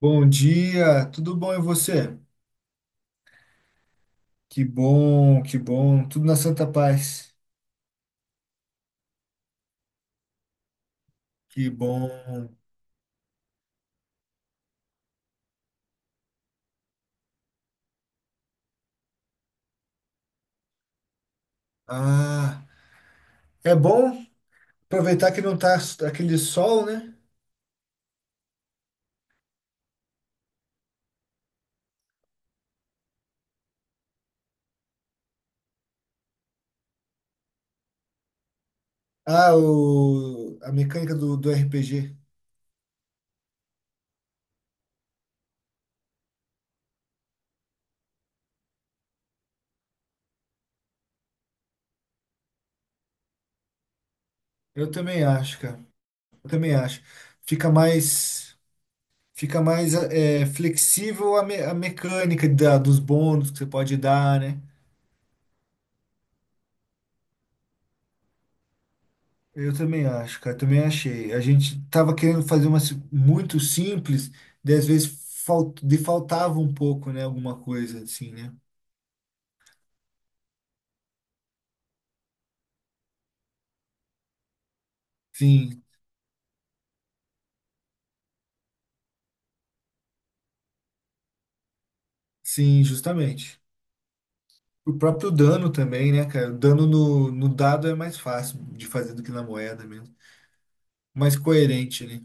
Bom dia, tudo bom e você? Que bom, tudo na santa paz. Que bom. Ah, é bom aproveitar que não tá aquele sol, né? Ah, a mecânica do RPG. Eu também acho, cara. Eu também acho. Fica mais, fica mais flexível a mecânica dos bônus que você pode dar, né? Eu também acho, cara, também achei. A gente tava querendo fazer uma muito simples, daí às vezes fal- de faltava um pouco, né, alguma coisa assim, né? Sim, sim, justamente. O próprio dano também, né, cara? O dano no dado é mais fácil de fazer do que na moeda mesmo. Mais coerente, né?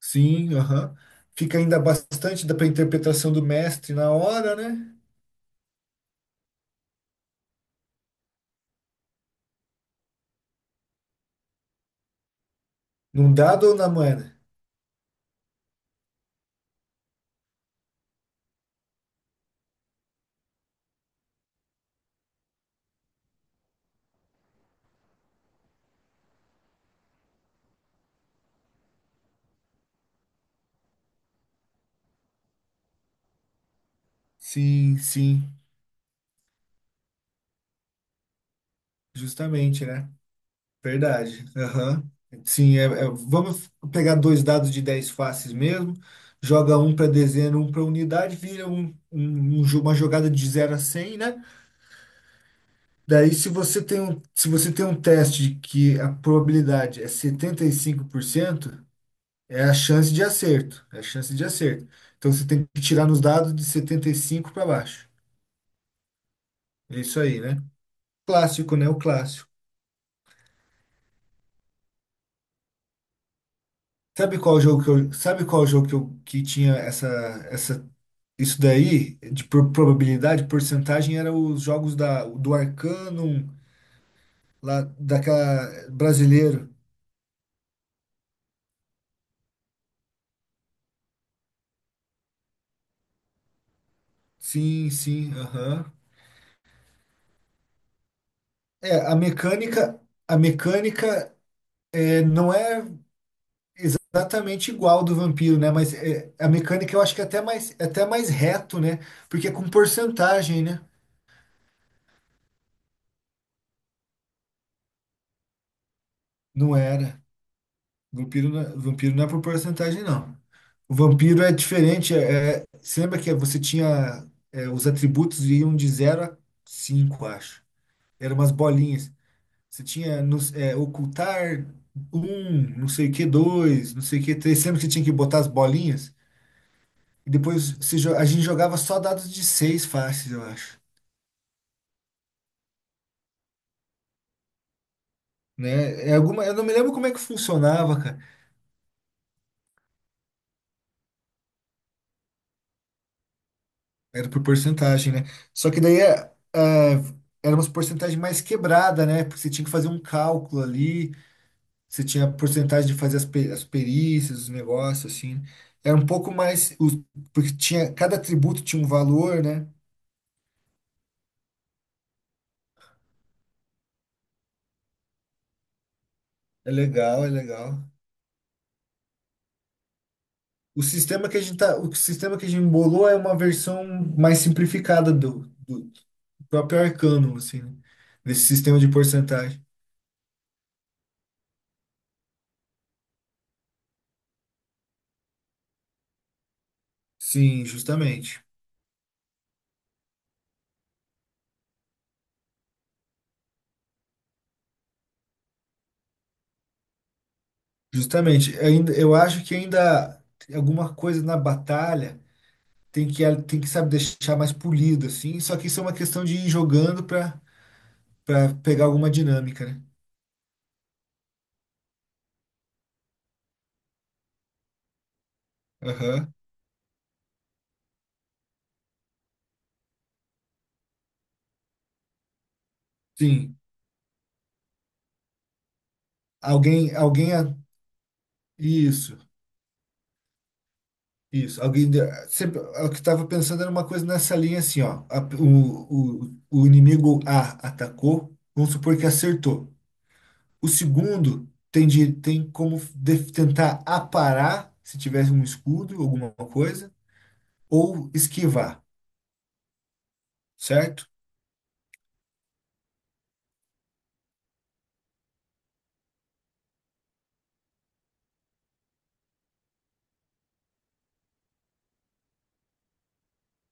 Sim, aham. Fica ainda bastante da pra interpretação do mestre na hora, né? Num dado ou na moeda? Sim, sim, justamente, né? Verdade. Aham. Sim, vamos pegar dois dados de 10 faces mesmo, joga um para dezena, um para unidade, vira uma jogada de 0 a 100, né? Daí, se você tem um teste que a probabilidade é 75%, é a chance de acerto. É a chance de acerto. Então, você tem que tirar nos dados de 75 para baixo. É isso aí, né? Clássico, né? O clássico. Sabe qual jogo que eu, sabe qual jogo Que tinha essa, essa Isso daí, probabilidade, porcentagem, era os jogos do Arcanum, lá daquela brasileiro. Sim, sim, aham. É, a mecânica é, não é exatamente igual do vampiro, né? Mas é, a mecânica eu acho que é até mais reto, né? Porque é com porcentagem, né? Não era. Vampiro não é por porcentagem, não. O vampiro é diferente. Você lembra que você tinha. Os atributos iam de zero a 5, acho. Eram umas bolinhas. Você tinha ocultar um, não sei o que, 2, não sei o que, 3. Lembra que você tinha que botar as bolinhas? E depois a gente jogava só dados de 6 faces, eu acho. Né? Eu não me lembro como é que funcionava, cara. Era por porcentagem, né? Só que daí é, era uma porcentagem mais quebrada, né? Porque você tinha que fazer um cálculo ali, você tinha a porcentagem de fazer as perícias, os negócios, assim. Era um pouco mais. Porque tinha, cada atributo tinha um valor, né? É legal, é legal. O sistema que a gente embolou é uma versão mais simplificada do próprio Arcanum, assim, né? Desse sistema de porcentagem. Sim, justamente. Justamente, ainda, eu acho que ainda alguma coisa na batalha tem que sabe deixar mais polido assim, só que isso é uma questão de ir jogando para pegar alguma dinâmica, né? Aham. Sim. Alguém alguém a- isso, isso. Sempre é o que estava pensando era uma coisa nessa linha assim, ó. O inimigo A atacou, vamos supor que acertou. O segundo tem como tentar aparar se tivesse um escudo, alguma coisa, ou esquivar, certo?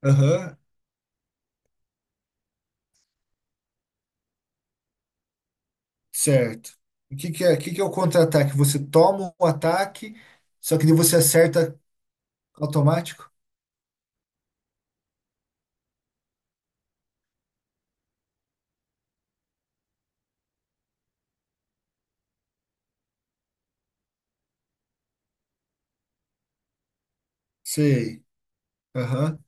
Aham, certo. O que que é o contra-ataque? Você toma um ataque, só que daí você acerta automático? Sei. Aham,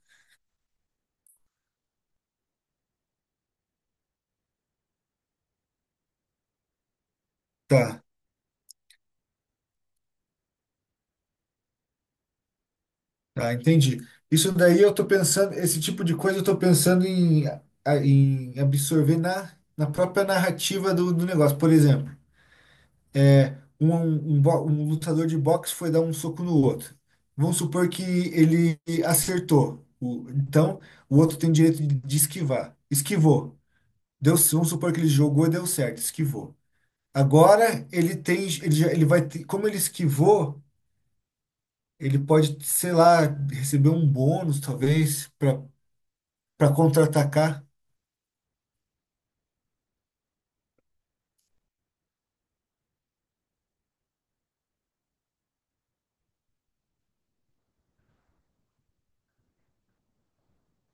tá, tá, entendi. Isso daí eu tô pensando, esse tipo de coisa eu tô pensando em absorver na própria narrativa do negócio. Por exemplo, um lutador de boxe foi dar um soco no outro. Vamos supor que ele acertou. Então, o outro tem direito de esquivar. Esquivou. Deu, vamos supor que ele jogou e deu certo. Esquivou. Agora, ele tem, ele, já- ele vai, ter- como ele esquivou, ele pode, sei lá, receber um bônus, talvez, para contra-atacar.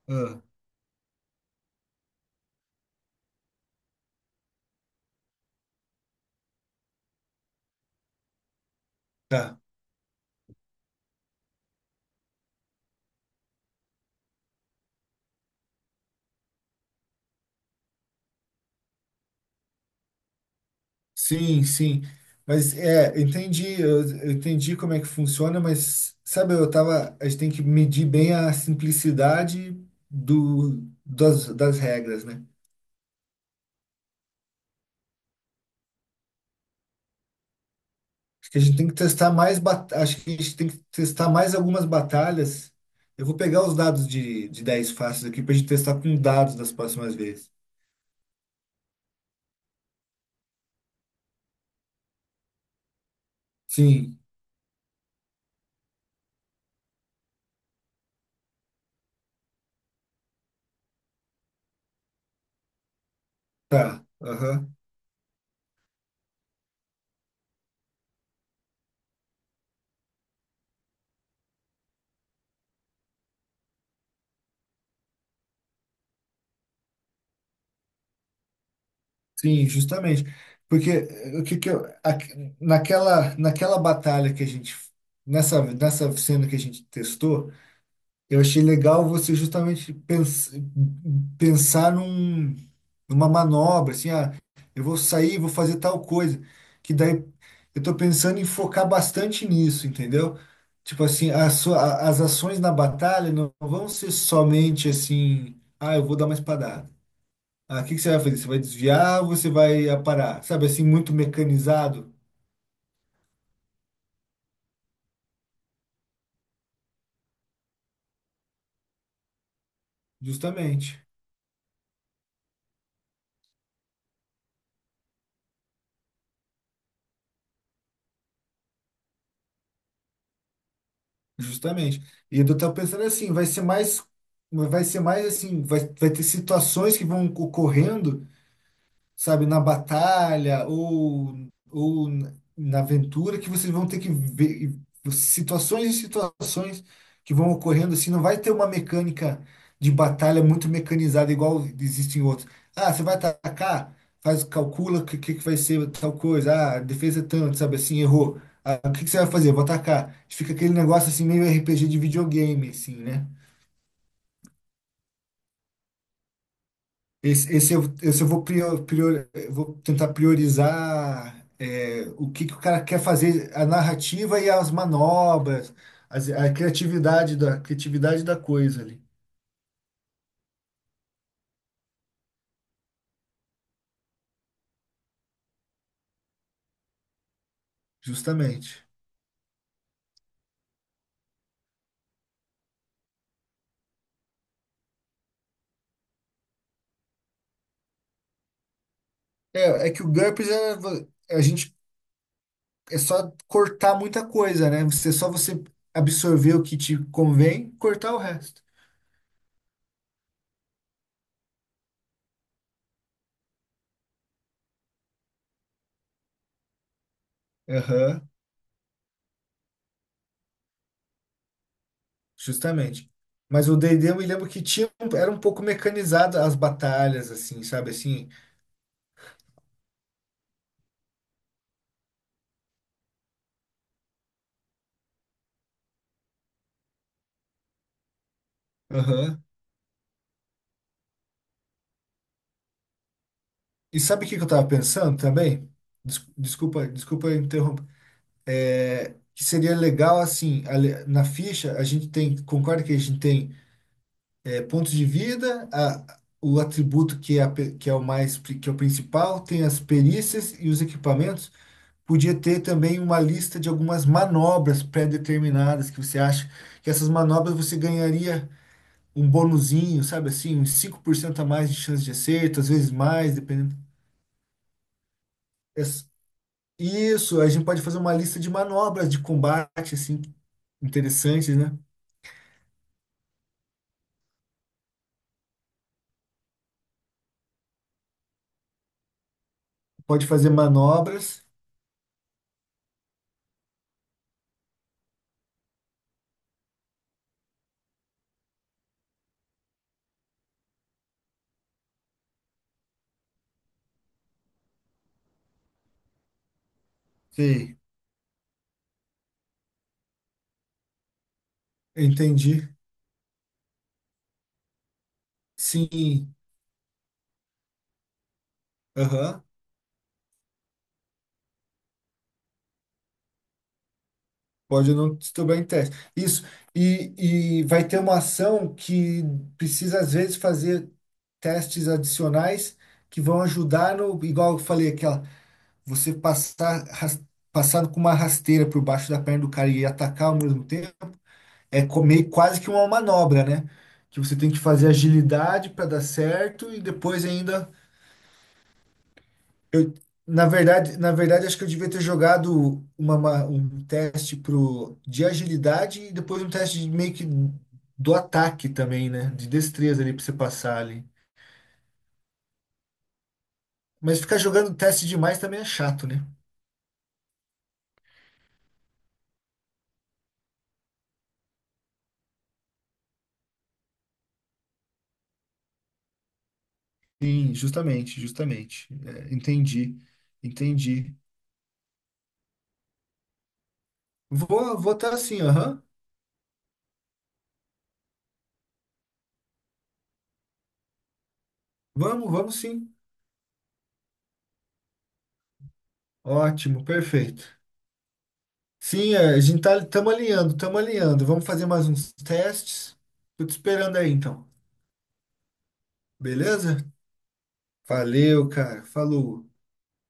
Ah, tá. Sim, sim. Mas entendi, eu entendi como é que funciona, mas sabe, eu tava, a gente tem que medir bem a simplicidade das regras, né? Acho que a gente tem que testar mais, acho que a gente tem que testar mais algumas batalhas. Eu vou pegar os dados de 10 fáceis aqui pra gente testar com dados das próximas vezes. Sim, tá. Aham. Sim, justamente. Porque o que que eu, a- naquela, naquela batalha que a gente, nessa, nessa cena que a gente testou, eu achei legal você justamente pensar numa manobra, assim, ah, eu vou sair, vou fazer tal coisa, que daí eu tô pensando em focar bastante nisso, entendeu? Tipo assim, as ações na batalha não vão ser somente assim, ah, eu vou dar uma espadada. Ah, o que que você vai fazer? Você vai desviar ou você vai aparar? Sabe assim, muito mecanizado? Justamente, justamente. E eu tô pensando assim, vai ser mais assim, vai ter situações que vão ocorrendo, sabe, na batalha ou na aventura que vocês vão ter que ver situações e situações que vão ocorrendo assim, não vai ter uma mecânica de batalha muito mecanizada igual existe em outros. Ah, você vai atacar, faz calcula o que que vai ser tal coisa. Ah, a defesa é tanto, sabe assim, errou. Ah, o que que você vai fazer? Vou atacar. Fica aquele negócio assim meio RPG de videogame assim, né? Esse eu vou tentar priorizar o que que o cara quer fazer, a narrativa e as manobras, a criatividade da coisa ali, justamente. É, é que o GURPS é só cortar muita coisa, né? Você, só você absorver o que te convém, cortar o resto. Aham, justamente. Mas o D&D eu me lembro que era um pouco mecanizado as batalhas, assim, sabe assim? Aham. E sabe o que que eu estava pensando também? Desculpa interromper. É, que seria legal, assim, na ficha, concorda que a gente tem pontos de vida, o atributo que é, que é o mais, que é o principal, tem as perícias e os equipamentos. Podia ter também uma lista de algumas manobras pré-determinadas que você acha que essas manobras você ganharia um bonuzinho, sabe assim, uns 5% a mais de chance de acerto, às vezes mais, dependendo. Isso, a gente pode fazer uma lista de manobras de combate, assim, interessantes, né? Pode fazer manobras. Sei. Entendi. Sim. Aham. Pode não estourar em teste. Isso. E, e vai ter uma ação que precisa, às vezes, fazer testes adicionais que vão ajudar no. Igual eu falei, aquela. Você passar com uma rasteira por baixo da perna do cara e atacar ao mesmo é comer quase que uma manobra, né? Que você tem que fazer agilidade para dar certo e depois ainda eu. Na verdade, na verdade acho que eu devia ter jogado um teste pro de agilidade e depois um teste de meio que do ataque também, né? De destreza ali para você passar ali. Mas ficar jogando teste demais também é chato, né? Sim, justamente, justamente. É, entendi, entendi. Vou estar assim, aham. Vamos, vamos sim. Ótimo, perfeito. Sim, estamos alinhando, estamos alinhando. Vamos fazer mais uns testes. Tô te esperando aí, então. Beleza? Valeu, cara. Falou.